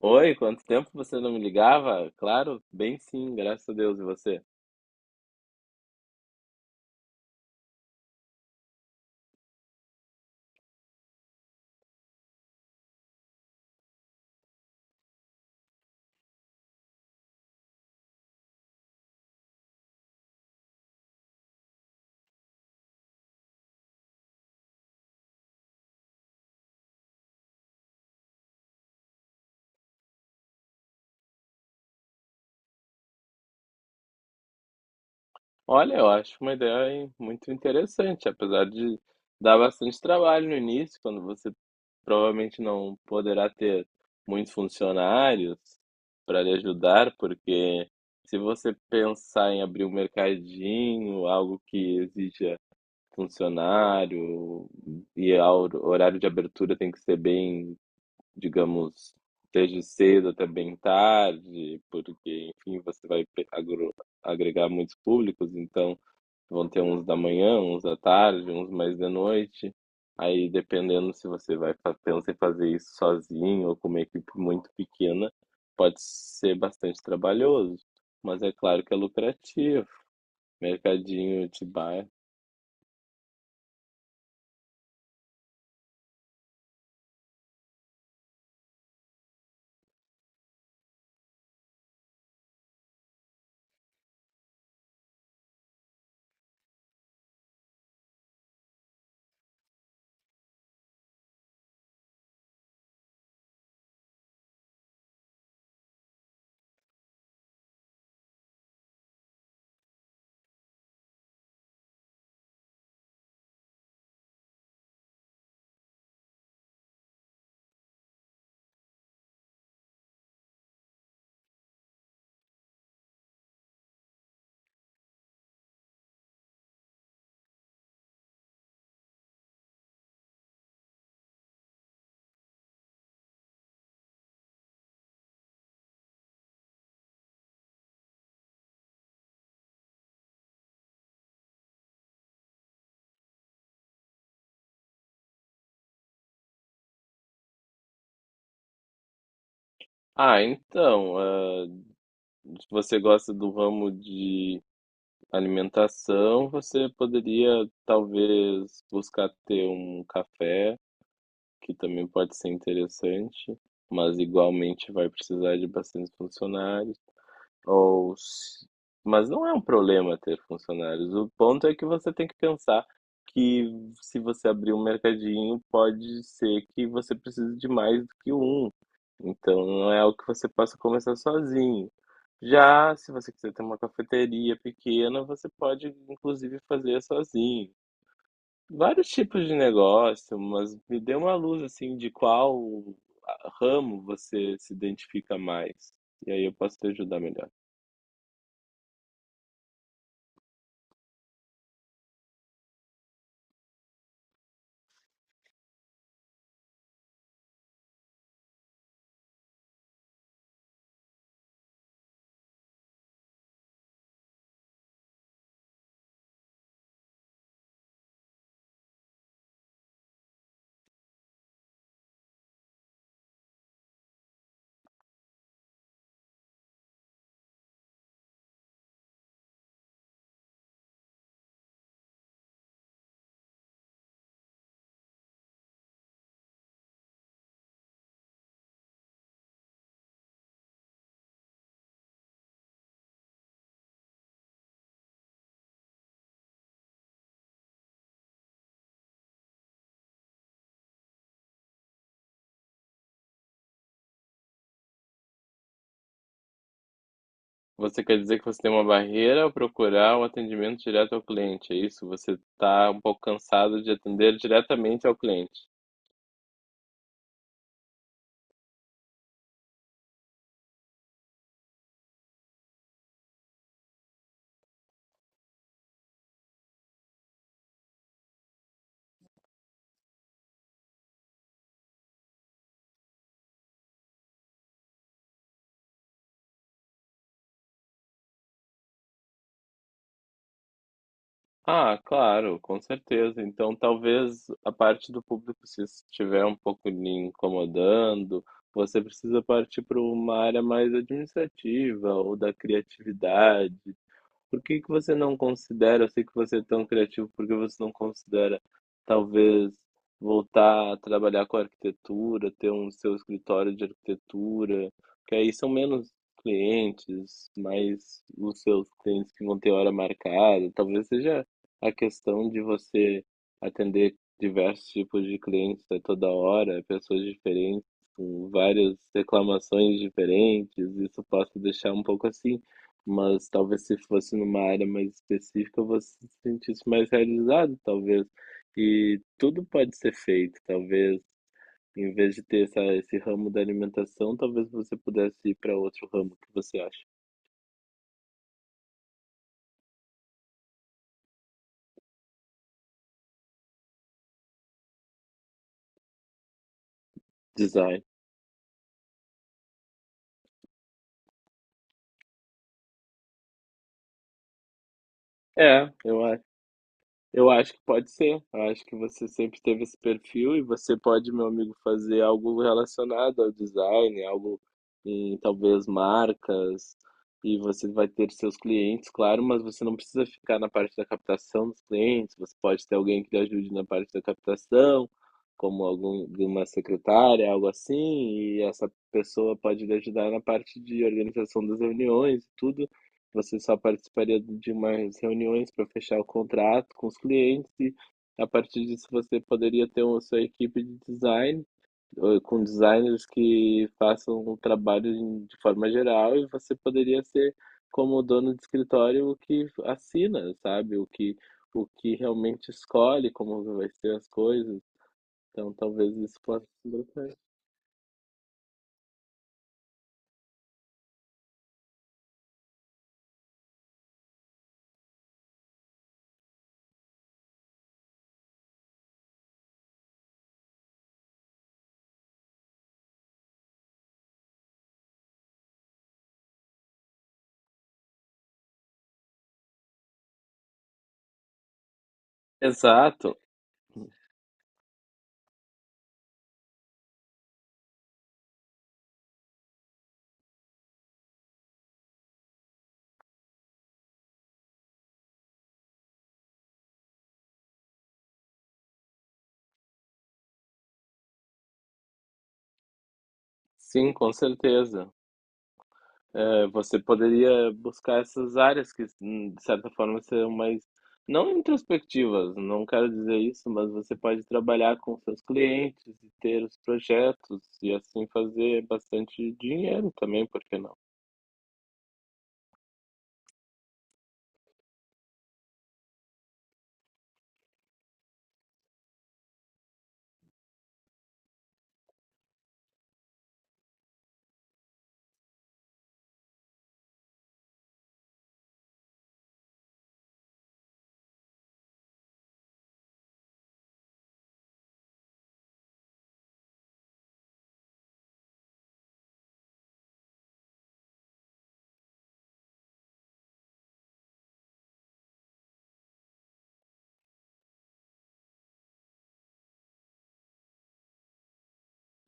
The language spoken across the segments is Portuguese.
Oi, quanto tempo você não me ligava? Claro, bem sim, graças a Deus e você. Olha, eu acho uma ideia hein, muito interessante, apesar de dar bastante trabalho no início, quando você provavelmente não poderá ter muitos funcionários para lhe ajudar, porque se você pensar em abrir um mercadinho, algo que exija funcionário e o horário de abertura tem que ser bem digamos, desde cedo até bem tarde, porque, enfim, você vai agregar muitos públicos, então vão ter uns da manhã, uns da tarde, uns mais de noite. Aí, dependendo se você vai pensar em fazer isso sozinho ou com uma equipe muito pequena, pode ser bastante trabalhoso. Mas é claro que é lucrativo. Mercadinho de bairro. Ah, então, ah, você gosta do ramo de alimentação, você poderia talvez buscar ter um café, que também pode ser interessante, mas igualmente vai precisar de bastante funcionários. Ou, mas não é um problema ter funcionários. O ponto é que você tem que pensar que se você abrir um mercadinho, pode ser que você precise de mais do que um. Então não é algo que você possa começar sozinho. Já se você quiser ter uma cafeteria pequena, você pode inclusive fazer sozinho. Vários tipos de negócio, mas me dê uma luz assim de qual ramo você se identifica mais. E aí eu posso te ajudar melhor. Você quer dizer que você tem uma barreira ao procurar um atendimento direto ao cliente, é isso? Você está um pouco cansado de atender diretamente ao cliente. Ah, claro, com certeza. Então, talvez a parte do público, se isso estiver um pouco lhe incomodando, você precisa partir para uma área mais administrativa ou da criatividade. Por que que você não considera, eu sei que você é tão criativo, por que você não considera talvez voltar a trabalhar com arquitetura, ter um seu escritório de arquitetura, que aí são menos clientes, mais os seus clientes que vão ter hora marcada, talvez seja a questão de você atender diversos tipos de clientes a toda hora, pessoas diferentes, com várias reclamações diferentes, isso possa deixar um pouco assim. Mas talvez se fosse numa área mais específica, você se sentisse mais realizado, talvez. E tudo pode ser feito, talvez. Em vez de ter essa, esse ramo da alimentação, talvez você pudesse ir para outro ramo que você acha. Design. É, eu Eu acho que pode ser. Eu acho que você sempre teve esse perfil e você pode, meu amigo, fazer algo relacionado ao design, algo em talvez marcas, e você vai ter seus clientes, claro, mas você não precisa ficar na parte da captação dos clientes, você pode ter alguém que te ajude na parte da captação, como algum, uma secretária, algo assim, e essa pessoa pode lhe ajudar na parte de organização das reuniões e tudo. Você só participaria de umas reuniões para fechar o contrato com os clientes e a partir disso você poderia ter uma sua equipe de design, com designers que façam o trabalho de forma geral e você poderia ser como o dono de escritório o que assina, sabe? O que realmente escolhe como vai ser as coisas. Então talvez isso possa ser bastante. Exato. Sim, com certeza. É, você poderia buscar essas áreas que, de certa forma, serão mais, não introspectivas, não quero dizer isso, mas você pode trabalhar com seus clientes e ter os projetos e assim fazer bastante dinheiro também, por que não?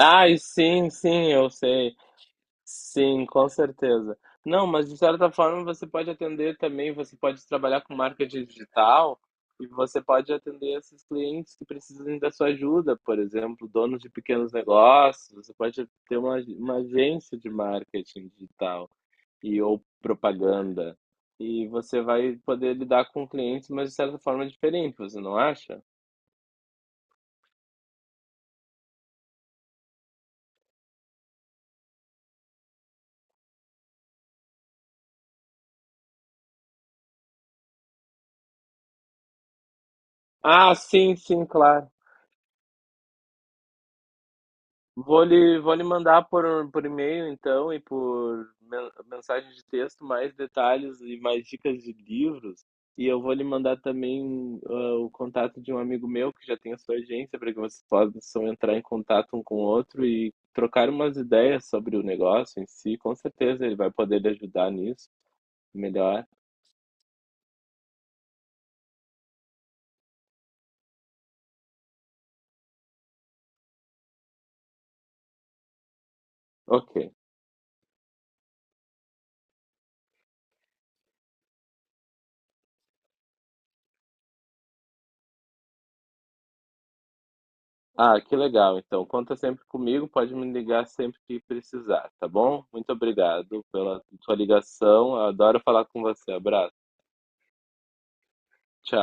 Ah, e sim, sim, eu sei. Sim, com certeza. Não, mas de certa forma você pode atender também, você pode trabalhar com marketing digital e você pode atender esses clientes que precisam da sua ajuda, por exemplo, donos de pequenos negócios, você pode ter uma agência de marketing digital e ou propaganda. E você vai poder lidar com clientes, mas de certa forma é diferente, você não acha? Ah, sim, sim, claro. Vou lhe mandar por e-mail, então, e por mensagem de texto mais detalhes e mais dicas de livros. E eu vou lhe mandar também o contato de um amigo meu que já tem a sua agência, para que vocês possam entrar em contato um com o outro e trocar umas ideias sobre o negócio em si. Com certeza ele vai poder lhe ajudar nisso melhor. Ok. Ah, que legal. Então, conta sempre comigo, pode me ligar sempre que precisar, tá bom? Muito obrigado pela sua ligação. Eu adoro falar com você. Abraço. Tchau.